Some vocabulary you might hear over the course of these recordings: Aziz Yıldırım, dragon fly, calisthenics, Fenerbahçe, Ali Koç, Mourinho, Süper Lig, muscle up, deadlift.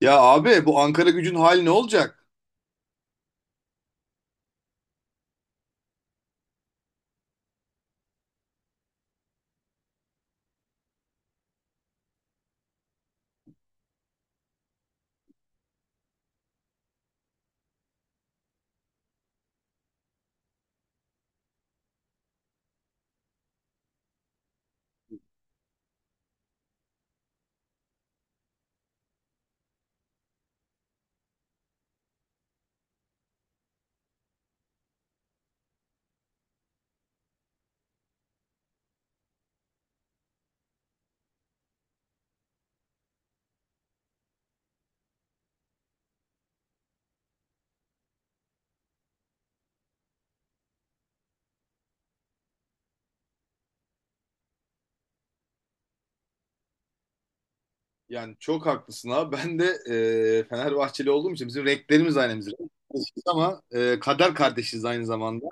Ya abi bu Ankara gücün hali ne olacak? Yani çok haklısın abi. Ben de Fenerbahçeli olduğum için bizim renklerimiz aynı bizim. Ama kader kardeşiz aynı zamanda.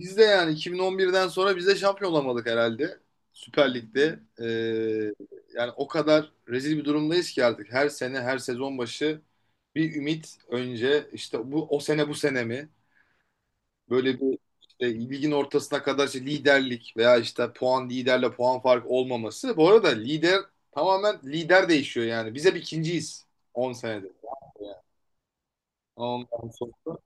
Biz de yani 2011'den sonra biz de şampiyon olamadık herhalde. Süper Lig'de. Yani o kadar rezil bir durumdayız ki artık. Her sene, her sezon başı bir ümit önce işte bu o sene bu sene mi? Böyle bir işte ligin ortasına kadar işte liderlik veya işte puan liderle puan farkı olmaması. Bu arada lider tamamen lider değişiyor yani. Biz hep ikinciyiz 10 senedir. Yani ondan sonra.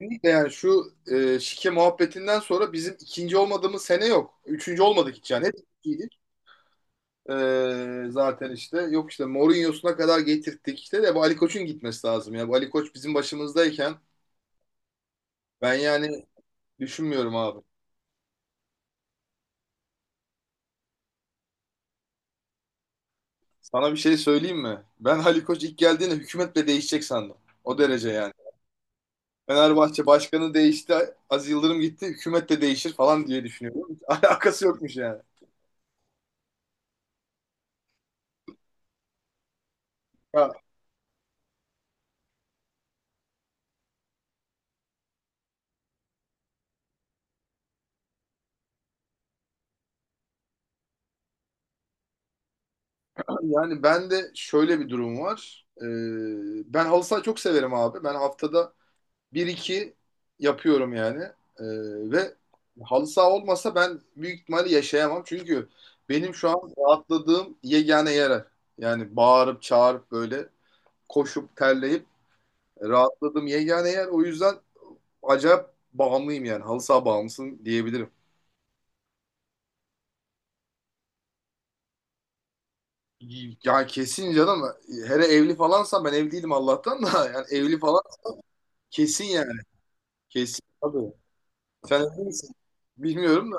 Şimdi yani şu şike muhabbetinden sonra bizim ikinci olmadığımız sene yok. Üçüncü olmadık hiç yani. Hep ikinciydik. E, zaten işte yok işte Mourinho'suna kadar getirttik işte de bu Ali Koç'un gitmesi lazım ya. Bu Ali Koç bizim başımızdayken ben yani düşünmüyorum abi. Sana bir şey söyleyeyim mi? Ben Ali Koç ilk geldiğinde hükümet de değişecek sandım. O derece yani. Fenerbahçe başkanı değişti, Aziz Yıldırım gitti, hükümet de değişir falan diye düşünüyorum. Hiç alakası yokmuş yani. Ya, yani ben de şöyle bir durum var. Ben halı saha çok severim abi. Ben haftada bir iki yapıyorum yani. Ee, ve halı saha olmasa ben büyük ihtimalle yaşayamam. Çünkü benim şu an rahatladığım yegane yer. Yani bağırıp çağırıp böyle koşup terleyip rahatladım. Yani eğer o yüzden acayip bağımlıyım yani. Halı saha bağımlısın diyebilirim. Yani kesin canım. Hele evli falansa ben evli değilim Allah'tan da. Yani evli falan kesin yani. Kesin. Tabii. Sen evli misin? Bilmiyorum da.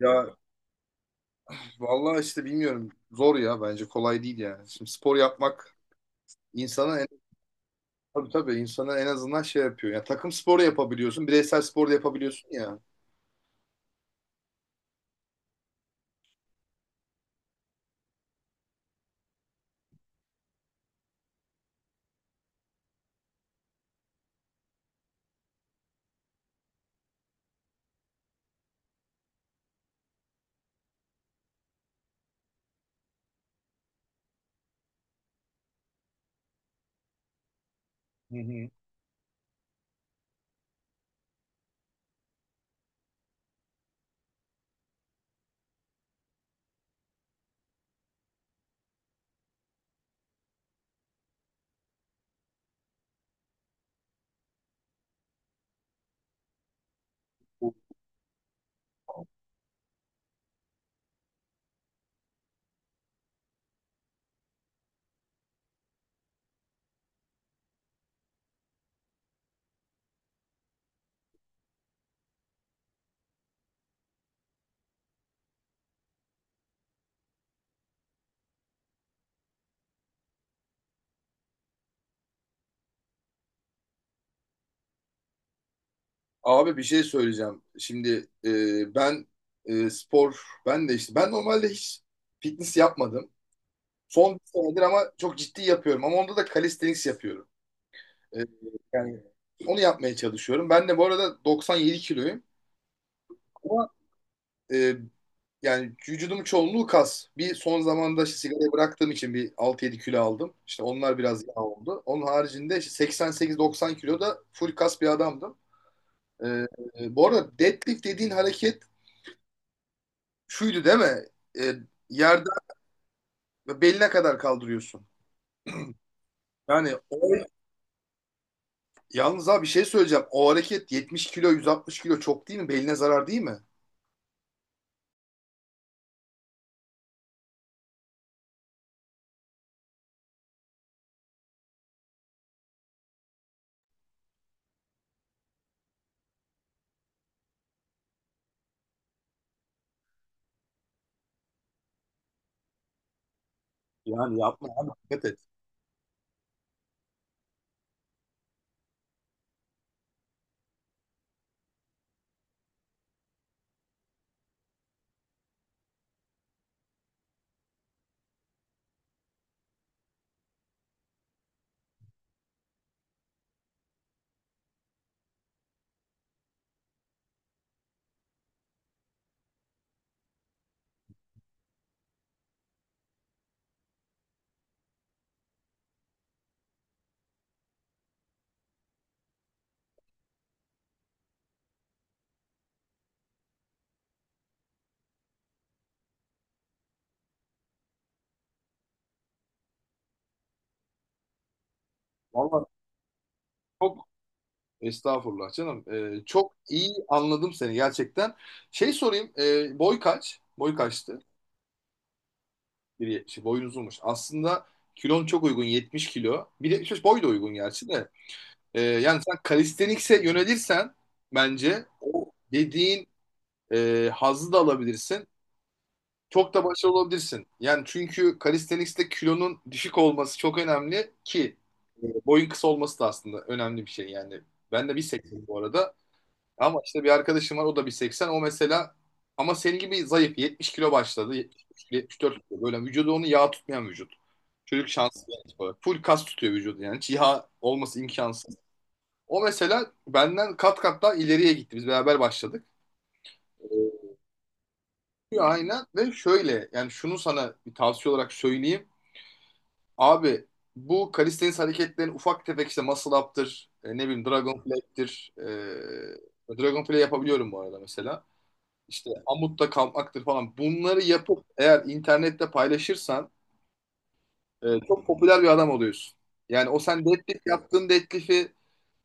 Ya vallahi işte bilmiyorum. Zor ya bence kolay değil yani. Şimdi spor yapmak insana en, tabii tabii insana en azından şey yapıyor. Yani takım sporu yapabiliyorsun. Bireysel spor da yapabiliyorsun ya. Hı hı. Abi bir şey söyleyeceğim. Şimdi ben spor, ben de işte ben normalde hiç fitness yapmadım. Son bir senedir ama çok ciddi yapıyorum. Ama onda da calisthenics yapıyorum. E, yani onu yapmaya çalışıyorum. Ben de bu arada 97 kiloyum. Ama e, yani vücudumun çoğunluğu kas. Bir son zamanda işte sigarayı bıraktığım için bir 6 7 kilo aldım. İşte onlar biraz yağ oldu. Onun haricinde işte 88-90 kilo da full kas bir adamdım. E, bu arada deadlift dediğin hareket şuydu değil mi? E, yerden beline kadar kaldırıyorsun. Yani o, yalnız abi bir şey söyleyeceğim. O hareket 70 kilo 160 kilo çok değil mi? Beline zarar değil mi? Yani yapma abi dikkat et. Vallahi çok estağfurullah canım. Çok iyi anladım seni gerçekten. Şey sorayım. Boy kaç? Boy kaçtı? 1,70. Boyun uzunmuş. Aslında kilon çok uygun 70 kilo. 1,75 boy da uygun gerçi de. Yani sen kalistenikse yönelirsen bence o dediğin hazzı da alabilirsin. Çok da başarılı olabilirsin. Yani çünkü calisthenics'te kilonun düşük olması çok önemli ki boyun kısa olması da aslında önemli bir şey yani. Ben de 1,80 bu arada. Ama işte bir arkadaşım var o da 1,80. O mesela ama senin gibi zayıf. 70 kilo başladı. 73, 74 kilo. Böyle vücudu onu yağ tutmayan vücut. Çocuk şanslı yani. Tip olarak. Full kas tutuyor vücudu yani. Hiç yağ olması imkansız. O mesela benden kat kat daha ileriye gitti. Biz beraber başladık. Ee, Aynen ve şöyle yani şunu sana bir tavsiye olarak söyleyeyim. Abi bu calisthenics hareketlerin ufak tefek işte muscle up'tır, ne bileyim dragon fly'tir. Dragon fly yapabiliyorum bu arada mesela. İşte amutta kalkmaktır falan. Bunları yapıp eğer internette paylaşırsan çok popüler bir adam oluyorsun. Yani o sen deadlift yaptığın deadlift'i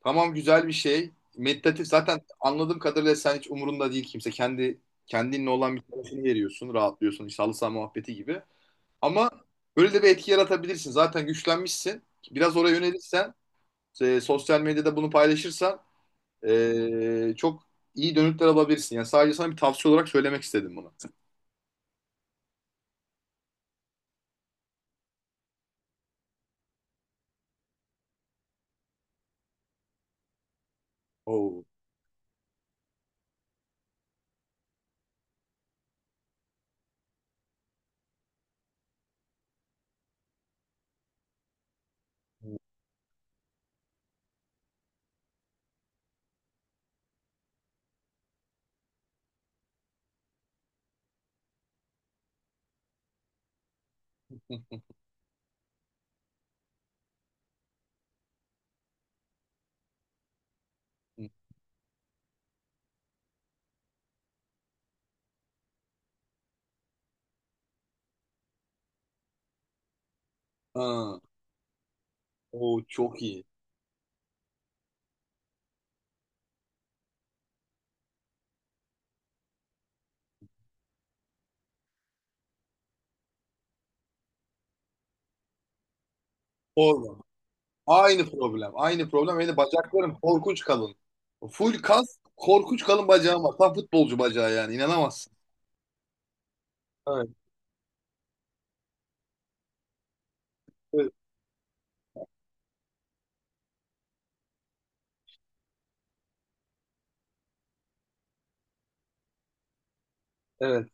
tamam güzel bir şey. Meditatif zaten anladığım kadarıyla sen hiç umurunda değil kimse. Kendi kendinle olan bir tarafını veriyorsun, rahatlıyorsun. İşte halı saha muhabbeti gibi. Ama böyle de bir etki yaratabilirsin. Zaten güçlenmişsin. Biraz oraya yönelirsen, sosyal medyada bunu paylaşırsan çok iyi dönütler alabilirsin. Yani sadece sana bir tavsiye olarak söylemek istedim bunu. Oo. Ha, o çok iyi. Sorma. Aynı problem. Aynı problem. Benim bacaklarım korkunç kalın. Full kas, korkunç kalın bacağım var. Tam futbolcu bacağı yani. İnanamazsın. Evet, evet. Evet.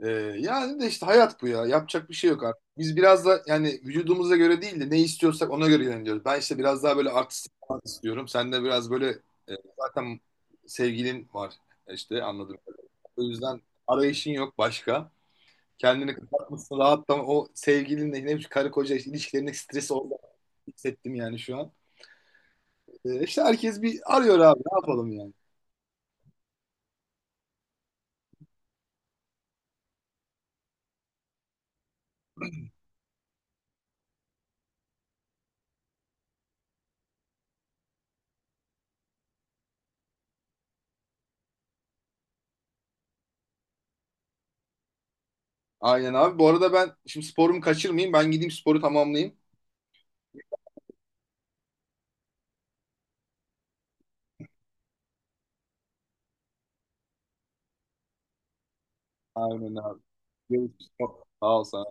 Ee, yani de işte hayat bu ya. Yapacak bir şey yok artık. Biz biraz da yani vücudumuza göre değil de ne istiyorsak ona göre yöneliyoruz. Ben işte biraz daha böyle artistik falan istiyorum. Sen de biraz böyle e, zaten sevgilin var. E, işte anladım. O yüzden arayışın yok başka. Kendini kapatmışsın rahatlama. O sevgilinle ne bileyim karı koca işte ilişkilerindeki stresi orada hissettim yani şu an. İşte herkes bir arıyor abi ne yapalım yani. Aynen abi. Bu arada ben şimdi sporumu kaçırmayayım. Ben gideyim sporu tamamlayayım. Aynen abi. Görüşürüz. Sağ ol sen.